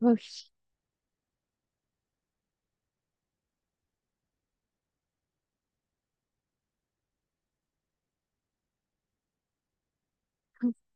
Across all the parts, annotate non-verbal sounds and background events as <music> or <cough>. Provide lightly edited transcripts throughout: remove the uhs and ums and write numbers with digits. Uy. <laughs>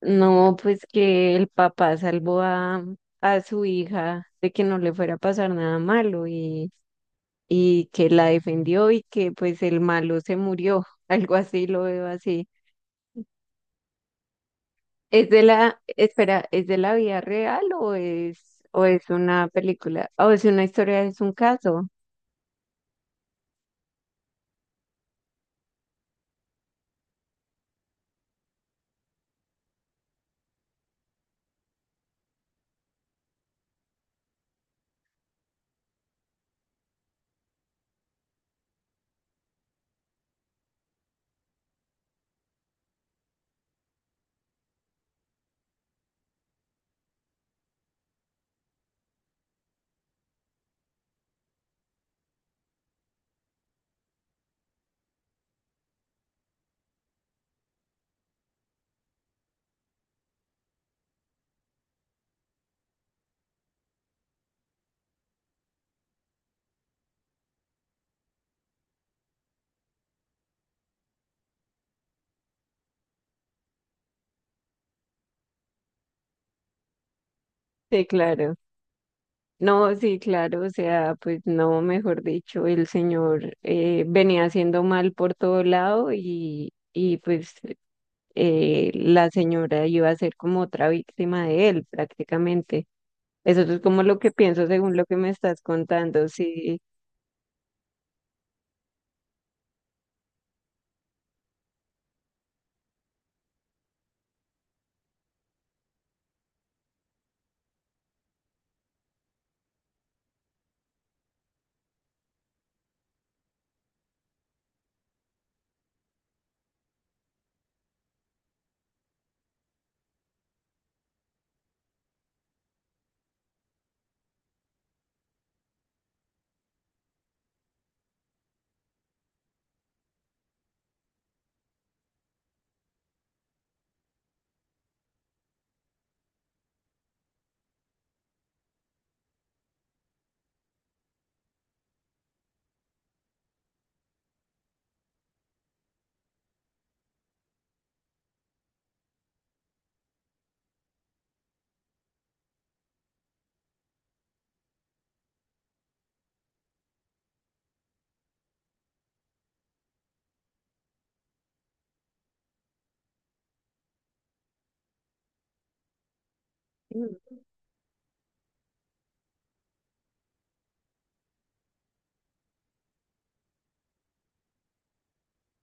No, pues que el papá salvó a su hija de que no le fuera a pasar nada malo, y que la defendió y que pues el malo se murió, <laughs> algo así lo veo así. ¿Es de la, espera, es de la vida real, o es una película, o es una historia, es un caso? Sí, claro. No, sí, claro, o sea, pues no, mejor dicho, el señor venía haciendo mal por todo lado, y pues la señora iba a ser como otra víctima de él prácticamente. Eso es como lo que pienso según lo que me estás contando. Sí.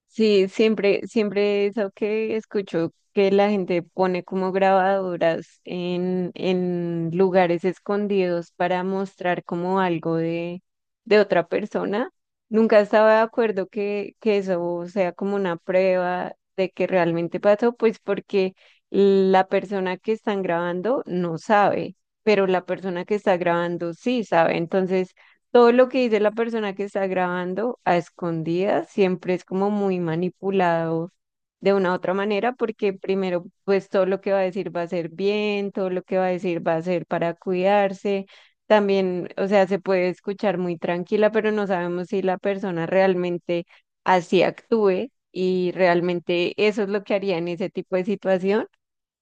Sí, siempre, siempre eso que escucho que la gente pone como grabadoras en lugares escondidos para mostrar como algo de otra persona. Nunca estaba de acuerdo que eso sea como una prueba de que realmente pasó, pues porque la persona que están grabando no sabe, pero la persona que está grabando sí sabe. Entonces, todo lo que dice la persona que está grabando a escondidas siempre es como muy manipulado de una u otra manera, porque primero, pues todo lo que va a decir va a ser bien, todo lo que va a decir va a ser para cuidarse. También, o sea, se puede escuchar muy tranquila, pero no sabemos si la persona realmente así actúe y realmente eso es lo que haría en ese tipo de situación,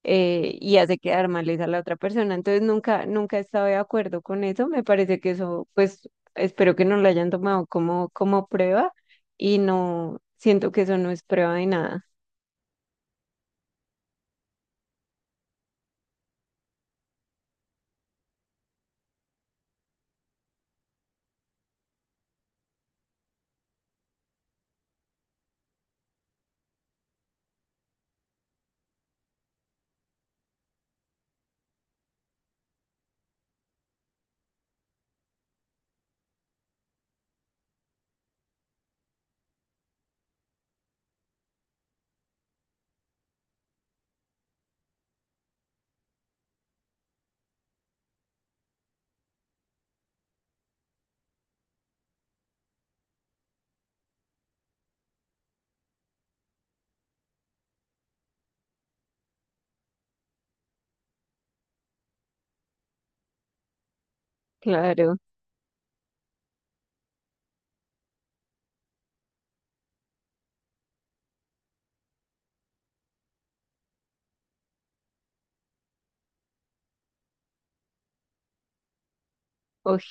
y hace quedar mal es a la otra persona. Entonces nunca, nunca he estado de acuerdo con eso. Me parece que eso, pues, espero que no lo hayan tomado como, como prueba, y no siento que eso no es prueba de nada. Claro. Uy.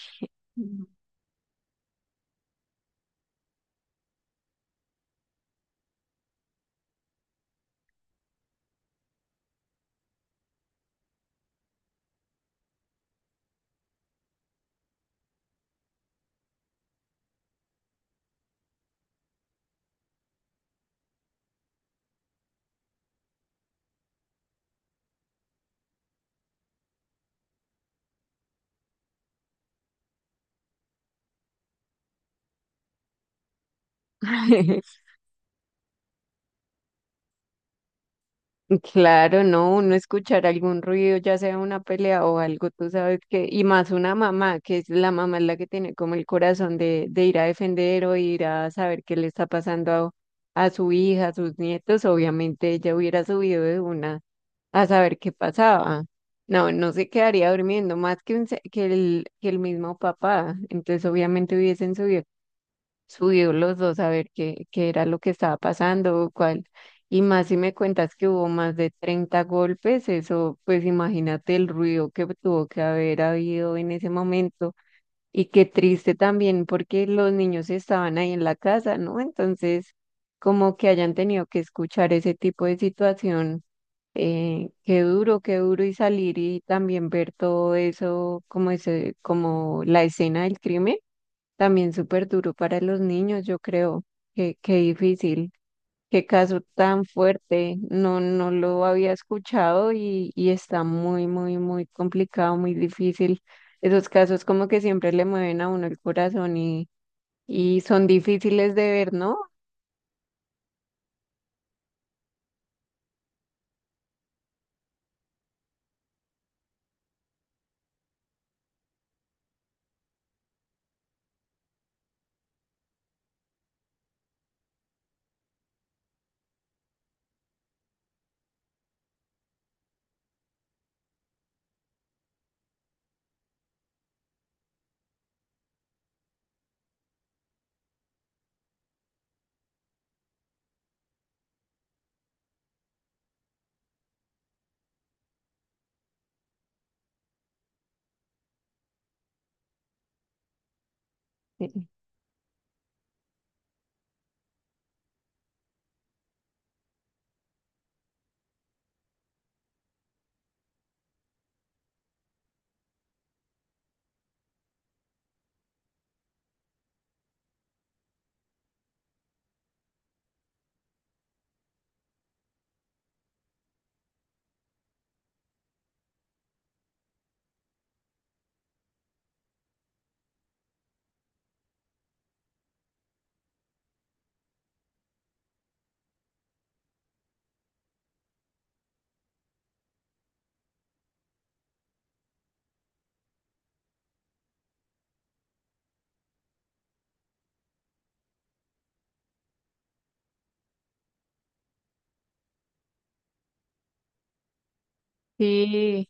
<laughs> Claro, no, uno escuchar algún ruido, ya sea una pelea o algo, tú sabes que, y más una mamá, que es la mamá es la que tiene como el corazón de ir a defender o ir a saber qué le está pasando a su hija, a sus nietos, obviamente ella hubiera subido de una a saber qué pasaba. No, no se quedaría durmiendo más que, un se- que el mismo papá, entonces obviamente hubiesen subido, subió los dos a ver qué, qué era lo que estaba pasando, cuál. Y más si me cuentas que hubo más de 30 golpes, eso, pues imagínate el ruido que tuvo que haber habido en ese momento. Y qué triste también porque los niños estaban ahí en la casa, ¿no? Entonces, como que hayan tenido que escuchar ese tipo de situación, qué duro y salir y también ver todo eso, como ese, como la escena del crimen, también súper duro para los niños, yo creo. Qué, qué difícil, qué caso tan fuerte. No, no lo había escuchado, y está muy, muy, muy complicado, muy difícil. Esos casos como que siempre le mueven a uno el corazón, y son difíciles de ver, ¿no? Sí. Sí.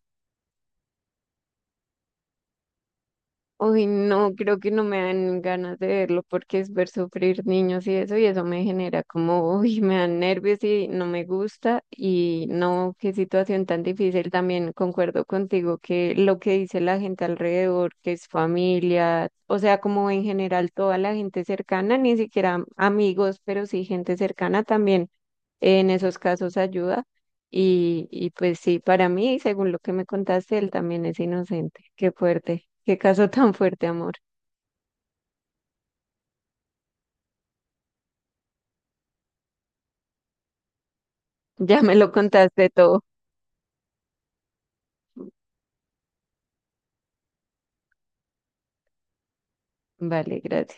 Uy, no, creo que no me dan ganas de verlo porque es ver sufrir niños y eso me genera como, <laughs> uy, me dan nervios y no me gusta, y no, qué situación tan difícil. También concuerdo contigo que lo que dice la gente alrededor, que es familia, o sea, como en general toda la gente cercana, ni siquiera amigos, pero sí gente cercana también en esos casos ayuda. Y pues sí, para mí, según lo que me contaste, él también es inocente. Qué fuerte, qué caso <laughs> tan fuerte, amor. Ya me lo contaste todo. Vale, gracias.